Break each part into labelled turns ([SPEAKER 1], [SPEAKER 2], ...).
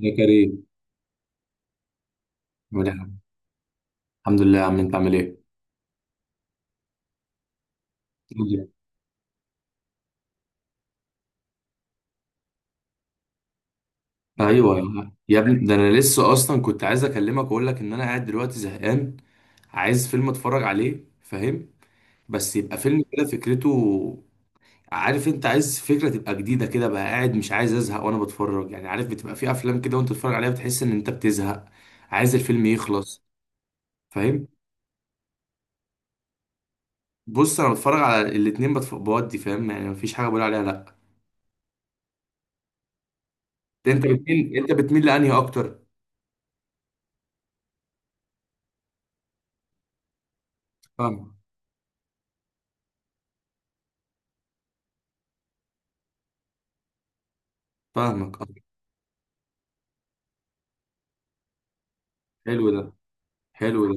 [SPEAKER 1] يا كريم، عامل إيه؟ الحمد لله يا عم، انت عامل ايه؟ الحمد لله. ايوه يا ابني، ده انا لسه اصلا كنت عايز اكلمك واقول لك ان انا قاعد دلوقتي زهقان، عايز فيلم اتفرج عليه، فاهم؟ بس يبقى فيلم كده فكرته. عارف؟ انت عايز فكره تبقى جديده كده، بقى قاعد مش عايز ازهق وانا بتفرج، يعني عارف بتبقى في افلام كده وانت بتتفرج عليها بتحس ان انت بتزهق، عايز الفيلم يخلص، فاهم؟ بص، انا بتفرج على الاتنين، بودي، فاهم؟ يعني مفيش حاجه بقول عليها لا. انت بتميل لانهي اكتر؟ فاهم. فاهمك. حلو ده. حلو ده.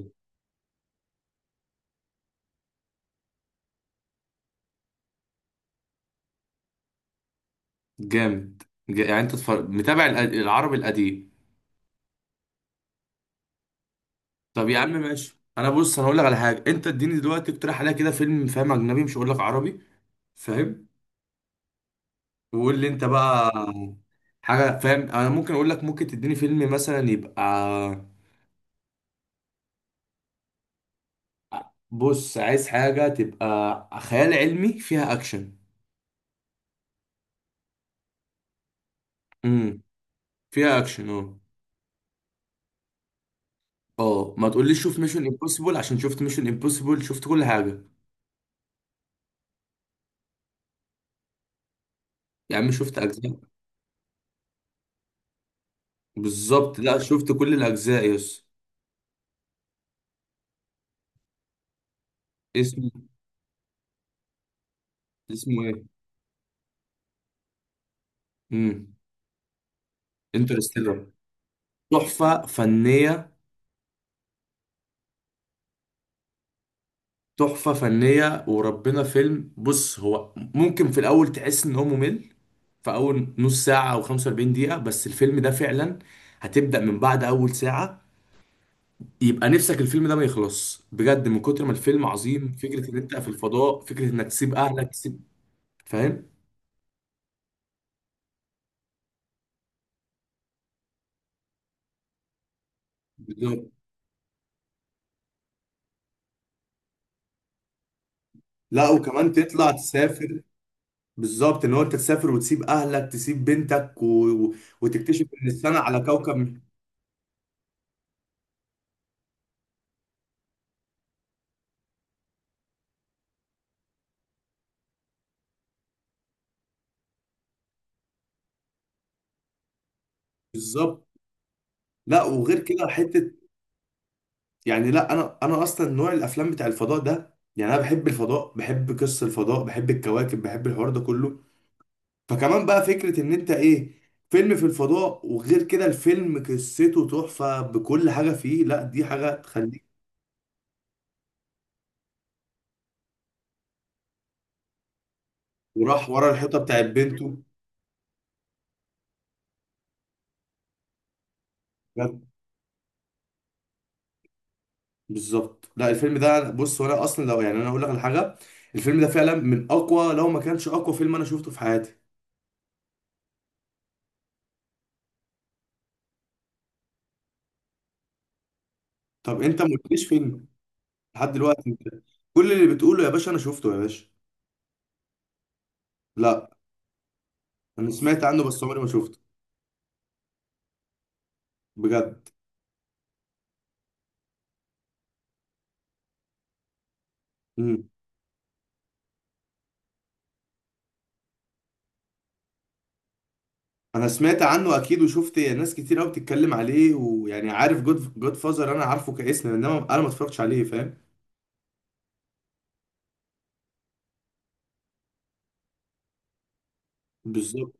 [SPEAKER 1] جامد. يعني انت متابع العربي القديم. طب يا عم ماشي، انا بص انا هقول لك على حاجه، انت اديني دلوقتي اقترح عليا كده فيلم، فاهم؟ اجنبي مش هقول لك عربي. فاهم. وقول لي انت بقى حاجه، فاهم؟ انا ممكن اقول لك، ممكن تديني فيلم مثلا يبقى. بص، عايز حاجه تبقى خيال علمي فيها اكشن. امم. فيها اكشن، اه. اه، ما تقوليش شوف ميشن امبوسيبل عشان شفت ميشن امبوسيبل، شفت كل حاجه. يا عم شفت اجزاء. بالظبط، لا شفت كل الاجزاء، يس. اسمه. اسمه ايه. امم. انترستيلر. تحفه فنيه. تحفه فنيه وربنا، فيلم. بص، هو ممكن في الاول تحس ان هو ممل في اول نص ساعه او 45 دقيقه، بس الفيلم ده فعلا هتبدا من بعد اول ساعه. يبقى نفسك الفيلم ده ما يخلص، بجد من كتر ما الفيلم عظيم. فكره ان انت في الفضاء، فكره انك تسيب اهلك تسيب، فاهم؟ بالظبط، لا وكمان تطلع تسافر، بالظبط ان هو انت تسافر وتسيب اهلك، تسيب بنتك و- وتكتشف ان السنه على كوكب. بالظبط، لا وغير كده حته، يعني لا انا اصلا نوع الافلام بتاع الفضاء ده، يعني انا بحب الفضاء، بحب قصه الفضاء، بحب الكواكب، بحب الحوار ده كله، فكمان بقى فكره ان انت ايه، فيلم في الفضاء، وغير كده الفيلم قصته تحفه بكل حاجه فيه. لا دي حاجه تخليك. وراح ورا الحيطه بتاعت بنته. بالظبط، لا الفيلم ده بص، وانا اصلا لو يعني انا اقول لك على حاجه، الفيلم ده فعلا من اقوى، لو ما كانش اقوى فيلم انا شفته في حياتي. طب انت ما قلتليش فيلم لحد دلوقتي، انت كل اللي بتقوله يا باشا انا شفته يا باشا. لا، انا سمعت عنه بس عمري ما شفته. بجد. امم. انا سمعت عنه اكيد، وشفت ناس كتير قوي بتتكلم عليه، ويعني عارف جود فازر، انا عارفه كاسم، انما انا ما اتفرجتش عليه، فاهم؟ بالظبط.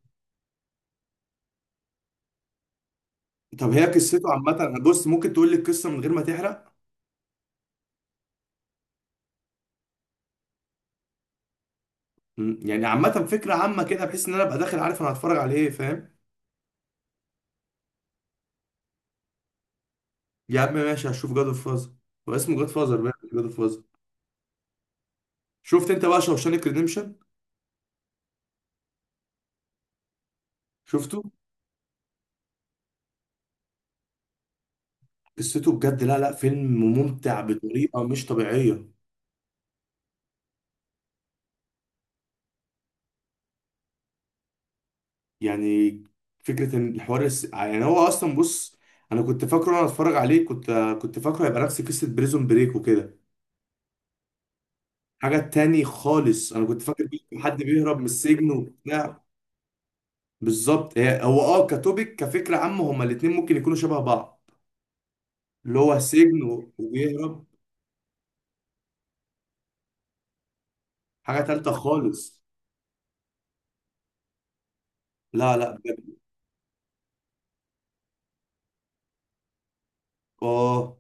[SPEAKER 1] طب هي قصته عامه، بص ممكن تقول لي القصه من غير ما تحرق. مم. يعني عامة، فكرة عامة كده بحيث ان انا ابقى داخل عارف انا هتفرج على ايه، فاهم؟ يا عم ماشي، هشوف جاد اوف فازر. هو اسمه جاد فازر بقى، جاد اوف فازر. شفت انت بقى شوشانك ريديمشن؟ شفته. قصته بجد، لا لا فيلم ممتع بطريقة مش طبيعية. يعني فكرة ان الحوار يعني هو اصلا، بص انا كنت فاكره وانا اتفرج عليه، كنت فاكره هيبقى نفس قصة بريزون بريك وكده. حاجة تاني خالص انا كنت فاكر حد بيهرب من السجن وبتاع. بالظبط، هي هو كتوبيك كفكره عامه، هما الاثنين ممكن يكونوا شبه بعض، اللي هو السجن وبيهرب. حاجه تالته خالص. لا لا بجد. اه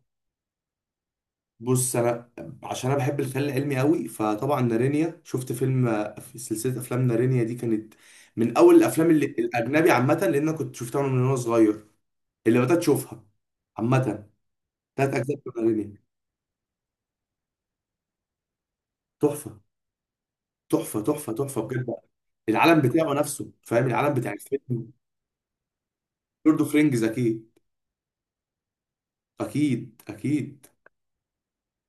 [SPEAKER 1] بص، انا عشان انا بحب الخيال العلمي قوي فطبعا نارينيا، شفت فيلم في سلسله افلام نارينيا دي، كانت من اول الافلام اللي الاجنبي عامه، لان انا كنت شفتها من وانا صغير اللي بدات اشوفها عامه، تلات اجزاء من نارينيا. تحفه تحفه تحفه. تحفه بجد. العالم بتاعه نفسه، فاهم؟ العالم بتاع الفيلم. لورد اوف رينجز اكيد. اكيد اكيد.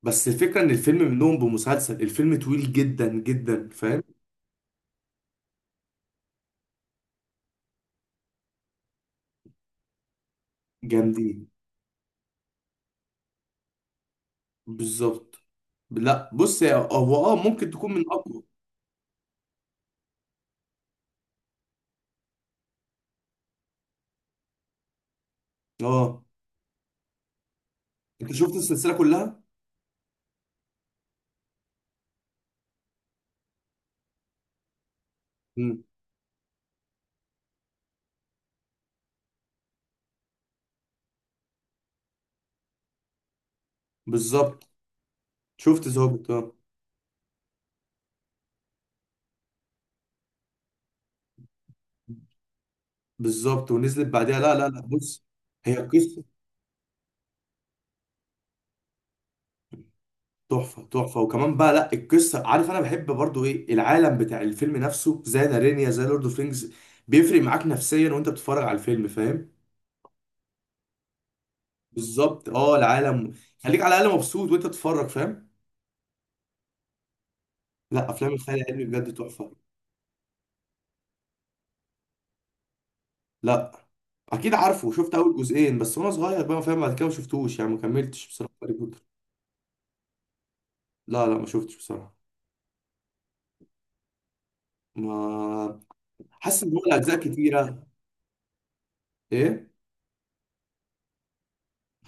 [SPEAKER 1] بس الفكره ان الفيلم منهم بمسلسل، الفيلم طويل جدا جدا، فاهم؟ جامدين. بالظبط، لا بص هو ممكن تكون من اقوى. اه، انت شفت السلسله كلها. مم. بالظبط. شفت ظابط، اه. بالظبط، ونزلت بعدها. لا لا لا بص، هي قصه تحفه تحفه. وكمان بقى لا، القصه عارف انا بحب برضو ايه، العالم بتاع الفيلم نفسه زي نارينيا، زي لورد اوف رينجز، بيفرق معاك نفسيا وانت بتتفرج على الفيلم، فاهم؟ بالظبط، اه، العالم خليك على الاقل مبسوط وانت تتفرج، فاهم؟ لا افلام الخيال العلمي بجد تحفه. لا اكيد عارفه، شفت اول جزئين بس وانا صغير، بقى فاهم بعد كده ما شفتوش يعني، ما كملتش بصراحه هاري بوتر. لا لا ما شفتش بصراحه. ما، حاسس ان هو الاجزاء كتيره. ايه.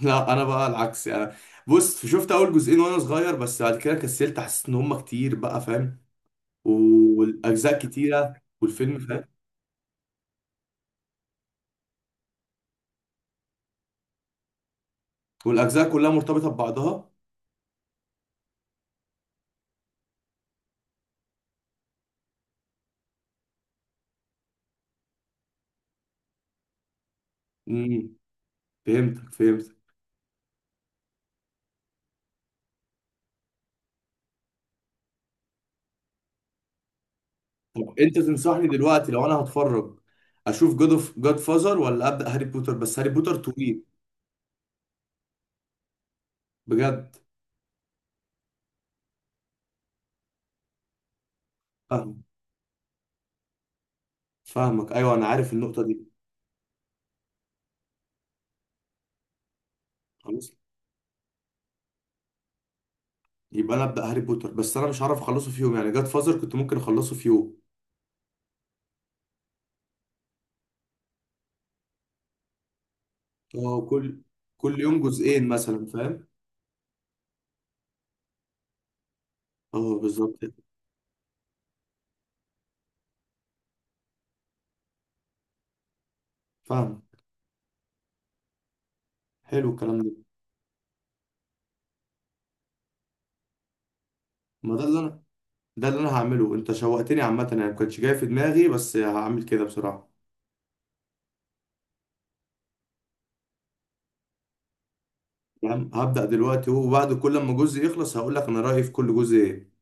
[SPEAKER 1] لا انا بقى العكس يعني، بص شفت اول جزئين وانا صغير، بس بعد كده كسلت حسيت ان هم كتير بقى، فاهم؟ والاجزاء كتيره، والفيلم فاهم، والاجزاء كلها مرتبطه ببعضها. امم. فهمتك. فهمت. طب انت تنصحني دلوقتي لو انا هتفرج، اشوف جود اوف جاد فازر ولا ابدا هاري بوتر؟ بس هاري بوتر طويل. بجد. فاهم. فاهمك، ايوه انا عارف النقطه دي. خلاص. يبقى انا ابدا هاري بوتر، بس انا مش هعرف اخلصه في يوم، يعني جاد فازر كنت ممكن اخلصه في يوم. اه كل يوم جزئين مثلا، فاهم؟ اه بالظبط كده. فاهم. حلو الكلام ده. ما ده اللي انا هعمله. انت شوقتني عامه يعني، ما كانش جاي في دماغي بس هعمل كده بسرعه. فاهم. هبدا دلوقتي، وبعد كل ما جزء يخلص هقول لك انا رايي في كل جزء ايه.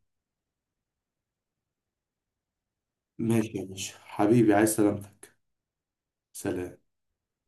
[SPEAKER 1] ماشي يا باشا حبيبي، عايز سلامتك. سلام.